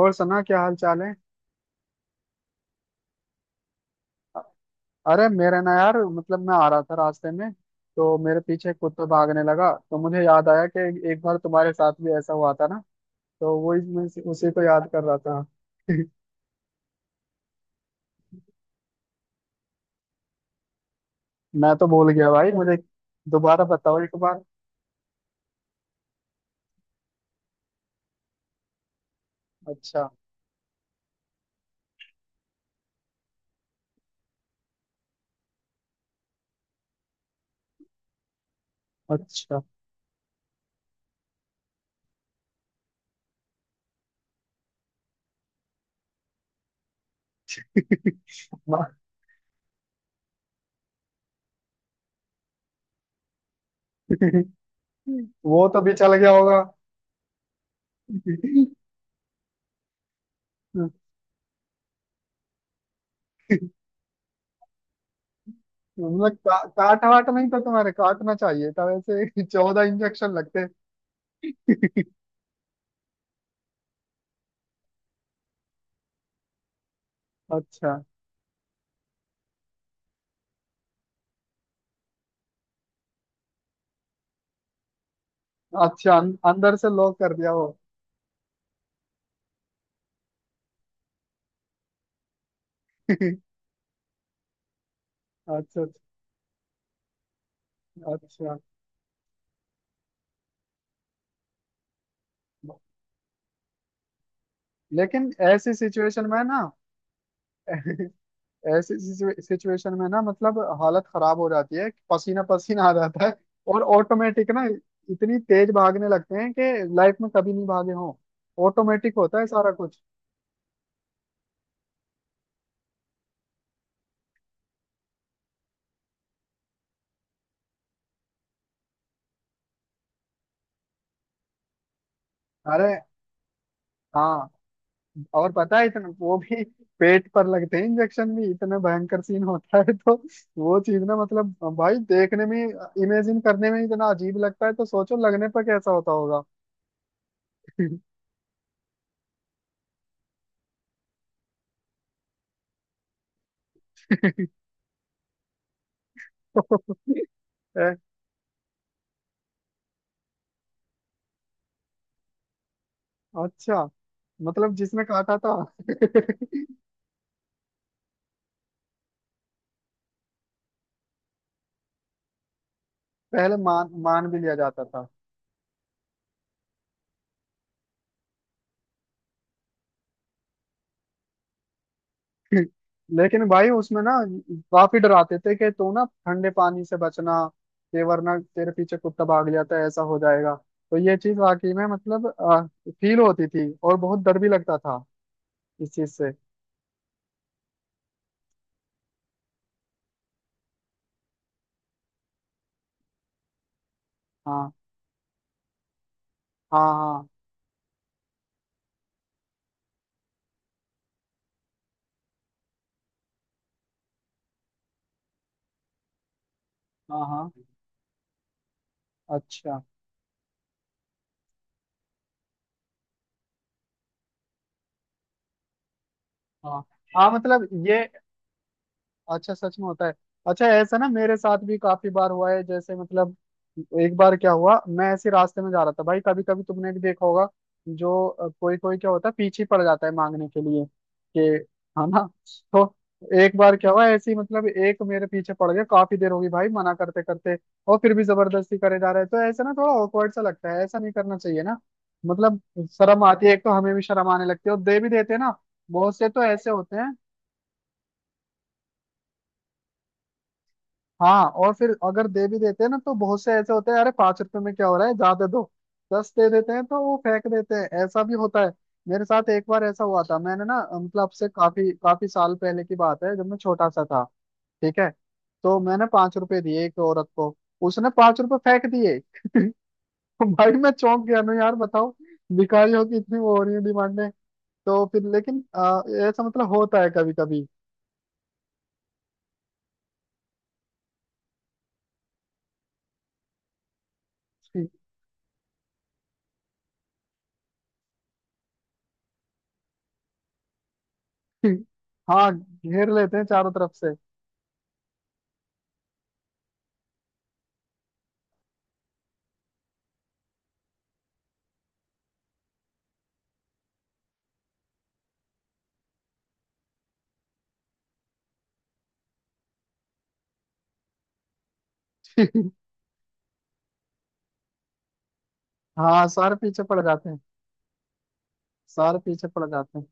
और सना, क्या हाल चाल है। अ- अरे मेरा ना, यार मतलब मैं आ रहा था रास्ते में, तो मेरे पीछे कुत्ता भागने लगा। तो मुझे याद आया कि एक बार तुम्हारे साथ भी ऐसा हुआ था ना। तो वही उसी को याद कर रहा था। मैं तो भूल गया भाई, मुझे दोबारा बताओ एक बार। अच्छा, अच्छा। वो तो भी चल गया होगा। मतलब काट वाट नहीं था तुम्हारे? काटना चाहिए था वैसे, 14 इंजेक्शन लगते। अच्छा, अच्छा, अंदर से लॉक कर दिया वो। अच्छा, अच्छा, अच्छा। लेकिन ऐसी सिचुएशन में ना, ऐसी सिचुएशन में ना, मतलब हालत खराब हो जाती है, पसीना पसीना आ जाता है। और ऑटोमेटिक ना इतनी तेज भागने लगते हैं कि लाइफ में कभी नहीं भागे हों। ऑटोमेटिक होता है सारा कुछ। अरे हाँ, और पता है इतना वो भी पेट पर लगते हैं इंजेक्शन। भी इतना भयंकर सीन होता है तो वो चीज ना, मतलब भाई देखने में, इमेजिन करने में इतना अजीब लगता है, तो सोचो लगने पर कैसा होता होगा। ए, अच्छा, मतलब जिसने काटा था। पहले मान मान भी लिया जाता था। लेकिन भाई उसमें ना काफी डराते थे कि तू ना ठंडे पानी से बचना, ये, वरना तेरे पीछे कुत्ता भाग जाता है, ऐसा हो जाएगा। तो ये चीज वाकई में मतलब फील होती थी, और बहुत डर भी लगता था इस चीज से। हाँ, हाँ, हाँ, हाँ, हाँ, अच्छा। हाँ, हाँ, मतलब ये, अच्छा सच में होता है। अच्छा, ऐसा ना मेरे साथ भी काफी बार हुआ है। जैसे मतलब एक बार क्या हुआ, मैं ऐसे रास्ते में जा रहा था भाई, कभी कभी तुमने भी देखा होगा, जो कोई कोई क्या होता है, पीछे पड़ जाता है मांगने के लिए कि, हाँ ना। तो एक बार क्या हुआ, ऐसे ही मतलब एक मेरे पीछे पड़ गया, काफी देर होगी भाई मना करते करते, और फिर भी जबरदस्ती करे जा रहे हैं। तो ऐसा ना थोड़ा ऑकवर्ड सा लगता है, ऐसा नहीं करना चाहिए ना। मतलब शर्म आती है, एक तो हमें भी शर्म आने लगती है और दे भी देते हैं ना। बहुत से तो ऐसे होते हैं। हाँ, और फिर अगर दे भी देते हैं ना तो बहुत से ऐसे होते हैं, अरे 5 रुपए में क्या हो रहा है, ज्यादा दो। दस दे देते हैं तो वो फेंक देते हैं, ऐसा भी होता है। मेरे साथ एक बार ऐसा हुआ था, मैंने ना मतलब से काफी काफी साल पहले की बात है, जब मैं छोटा सा था। ठीक है, तो मैंने 5 रुपए दिए एक औरत को, उसने 5 रुपए फेंक दिए। भाई मैं चौंक गया ना, यार बताओ, भिखारियों की इतनी वो हो रही है डिमांडें। तो फिर लेकिन ऐसा मतलब होता है कभी कभी। हाँ, घेर लेते हैं चारों तरफ से। हाँ, सारे पीछे पड़ जाते हैं। सारे पीछे पड़ जाते हैं।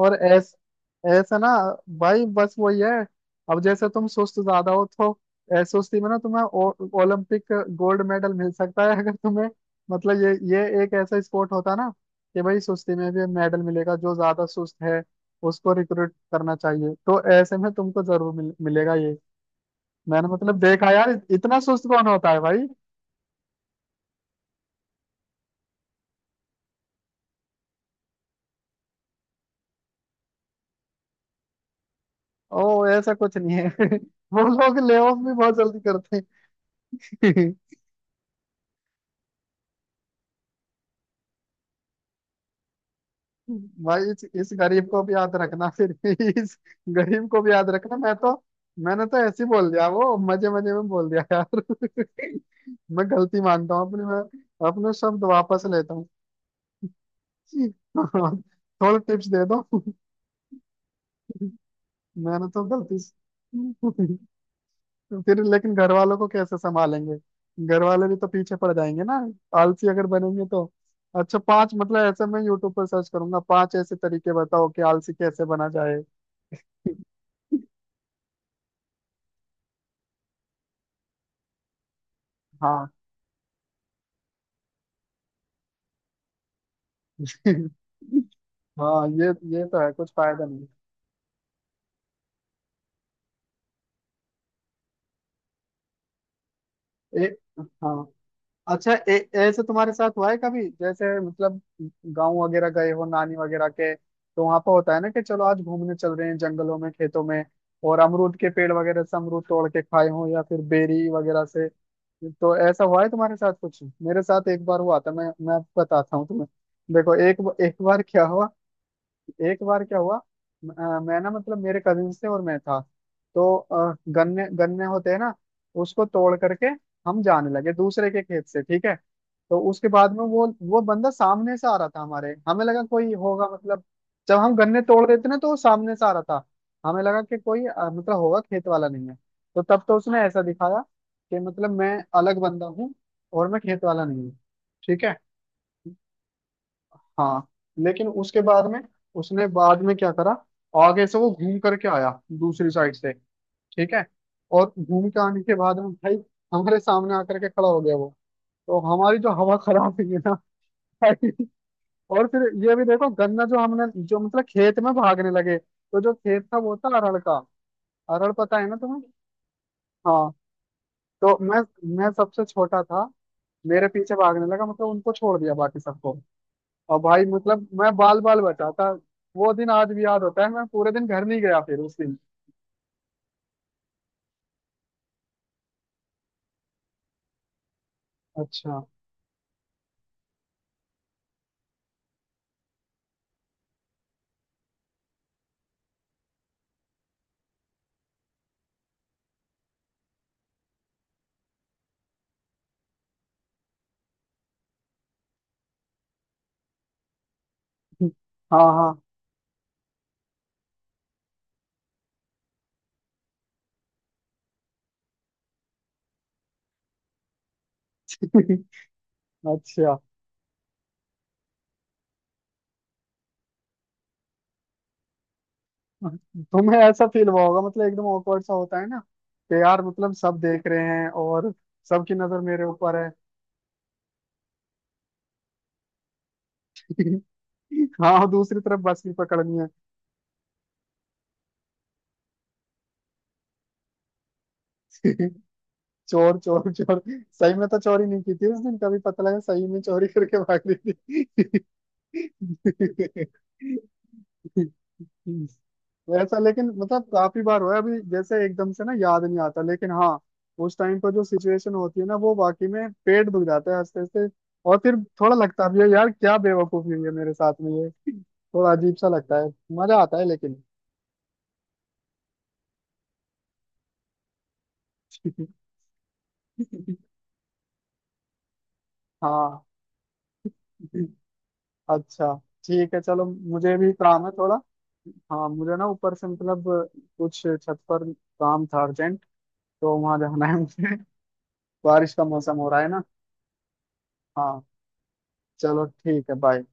और ऐस ऐसा ना भाई, बस वही है। अब जैसे तुम सुस्त ज्यादा हो तो सुस्ती में ना तुम्हें ओलंपिक गोल्ड मेडल मिल सकता है। अगर तुम्हें, मतलब ये एक ऐसा स्पोर्ट होता ना, कि भाई सुस्ती में भी मेडल मिलेगा, जो ज्यादा सुस्त है उसको रिक्रूट करना चाहिए, तो ऐसे में तुमको जरूर मिलेगा ये। मैंने मतलब देखा यार, इतना सुस्त कौन होता है भाई। ओ, ऐसा कुछ नहीं है। वो लोग ले ऑफ भी बहुत जल्दी करते हैं। भाई इस गरीब को भी याद रखना फिर, इस गरीब को भी याद रखना। मैं तो, मैंने तो ऐसे ही बोल दिया वो, मजे मजे में बोल दिया यार। मैं गलती मानता हूँ अपनी, मैं अपने शब्द वापस लेता हूँ। थोड़ा टिप्स दे दो। मैंने तो गलती से- फिर लेकिन घर वालों को कैसे संभालेंगे, घर वाले भी तो पीछे पड़ जाएंगे ना आलसी अगर बनेंगे तो। अच्छा, पांच मतलब ऐसे मैं यूट्यूब पर सर्च करूंगा, पांच ऐसे तरीके बताओ कि आलसी कैसे बना जाए। हाँ, हाँ ये तो है कुछ फायदा नहीं। ए, हाँ, अच्छा। ए, ऐसे तुम्हारे साथ हुआ है कभी, जैसे मतलब गांव वगैरह गए हो नानी वगैरह के, तो वहां पर होता है ना कि चलो आज घूमने चल रहे हैं जंगलों में, खेतों में, और अमरूद के पेड़ वगैरह से अमरूद तोड़ के खाए हो या फिर बेरी वगैरह से। तो ऐसा हुआ है तुम्हारे साथ कुछ? मेरे साथ एक बार हुआ था, मैं आपको बताता हूँ तुम्हें। देखो एक, एक बार क्या हुआ, एक बार क्या हुआ, मैं ना मतलब मेरे कजिन थे और मैं था, तो गन्ने गन्ने होते हैं ना, उसको तोड़ करके हम जाने लगे दूसरे के खेत से, ठीक है। तो उसके बाद में वो बंदा सामने से आ रहा था। हमारे, हमें लगा कोई होगा, मतलब जब हम गन्ने तोड़ रहे थे ना, तो वो सामने से आ रहा था। हमें लगा कि कोई मतलब होगा, खेत वाला नहीं है। तो तब तो उसने ऐसा दिखाया कि, मतलब मैं अलग बंदा हूँ और मैं खेत वाला नहीं हूँ, ठीक है। हाँ, लेकिन उसके बाद में, उसने बाद में क्या करा, आगे से वो घूम करके आया दूसरी साइड से, ठीक है। और घूम के आने के बाद में भाई हमारे सामने आकर के खड़ा हो गया वो। तो हमारी जो हवा खराब हुई है ना भाई। और फिर ये भी देखो, गन्ना जो हमने जो मतलब, खेत में भागने लगे, तो जो खेत था वो था अरहर का। अरहर पता है ना तुम्हें? हाँ। तो मैं सबसे छोटा था, मेरे पीछे भागने लगा, मतलब उनको छोड़ दिया बाकी सबको। और भाई मतलब मैं बाल बाल बचाता, वो दिन आज भी याद होता है, मैं पूरे दिन घर नहीं गया फिर उस दिन। अच्छा, हाँ, हाँ, अच्छा। तुम्हें ऐसा फील हुआ होगा, मतलब एकदम awkward सा होता है ना, कि यार मतलब सब देख रहे हैं और सबकी नजर मेरे ऊपर है। हाँ, और दूसरी तरफ बस भी पकड़नी है। चोर चोर चोर, सही में तो चोरी नहीं की थी उस दिन, कभी पता लगा सही में चोरी करके भाग रही थी। हम्म। ऐसा लेकिन मतलब काफी बार हुआ है, अभी जैसे एकदम से ना याद नहीं आता, लेकिन हाँ उस टाइम पर जो सिचुएशन होती है ना, वो वाकई में पेट दुख जाता है हंसते हंसते। और फिर थोड़ा लगता भी है यार क्या बेवकूफी हुई है मेरे साथ में ये, थोड़ा अजीब सा लगता है। मजा आता है लेकिन। हाँ, अच्छा, ठीक है चलो, मुझे भी काम है थोड़ा। हाँ मुझे ना ऊपर से मतलब कुछ छत पर काम था अर्जेंट, तो वहां जाना है मुझे। बारिश का मौसम हो रहा है ना। हाँ चलो, ठीक है, बाय।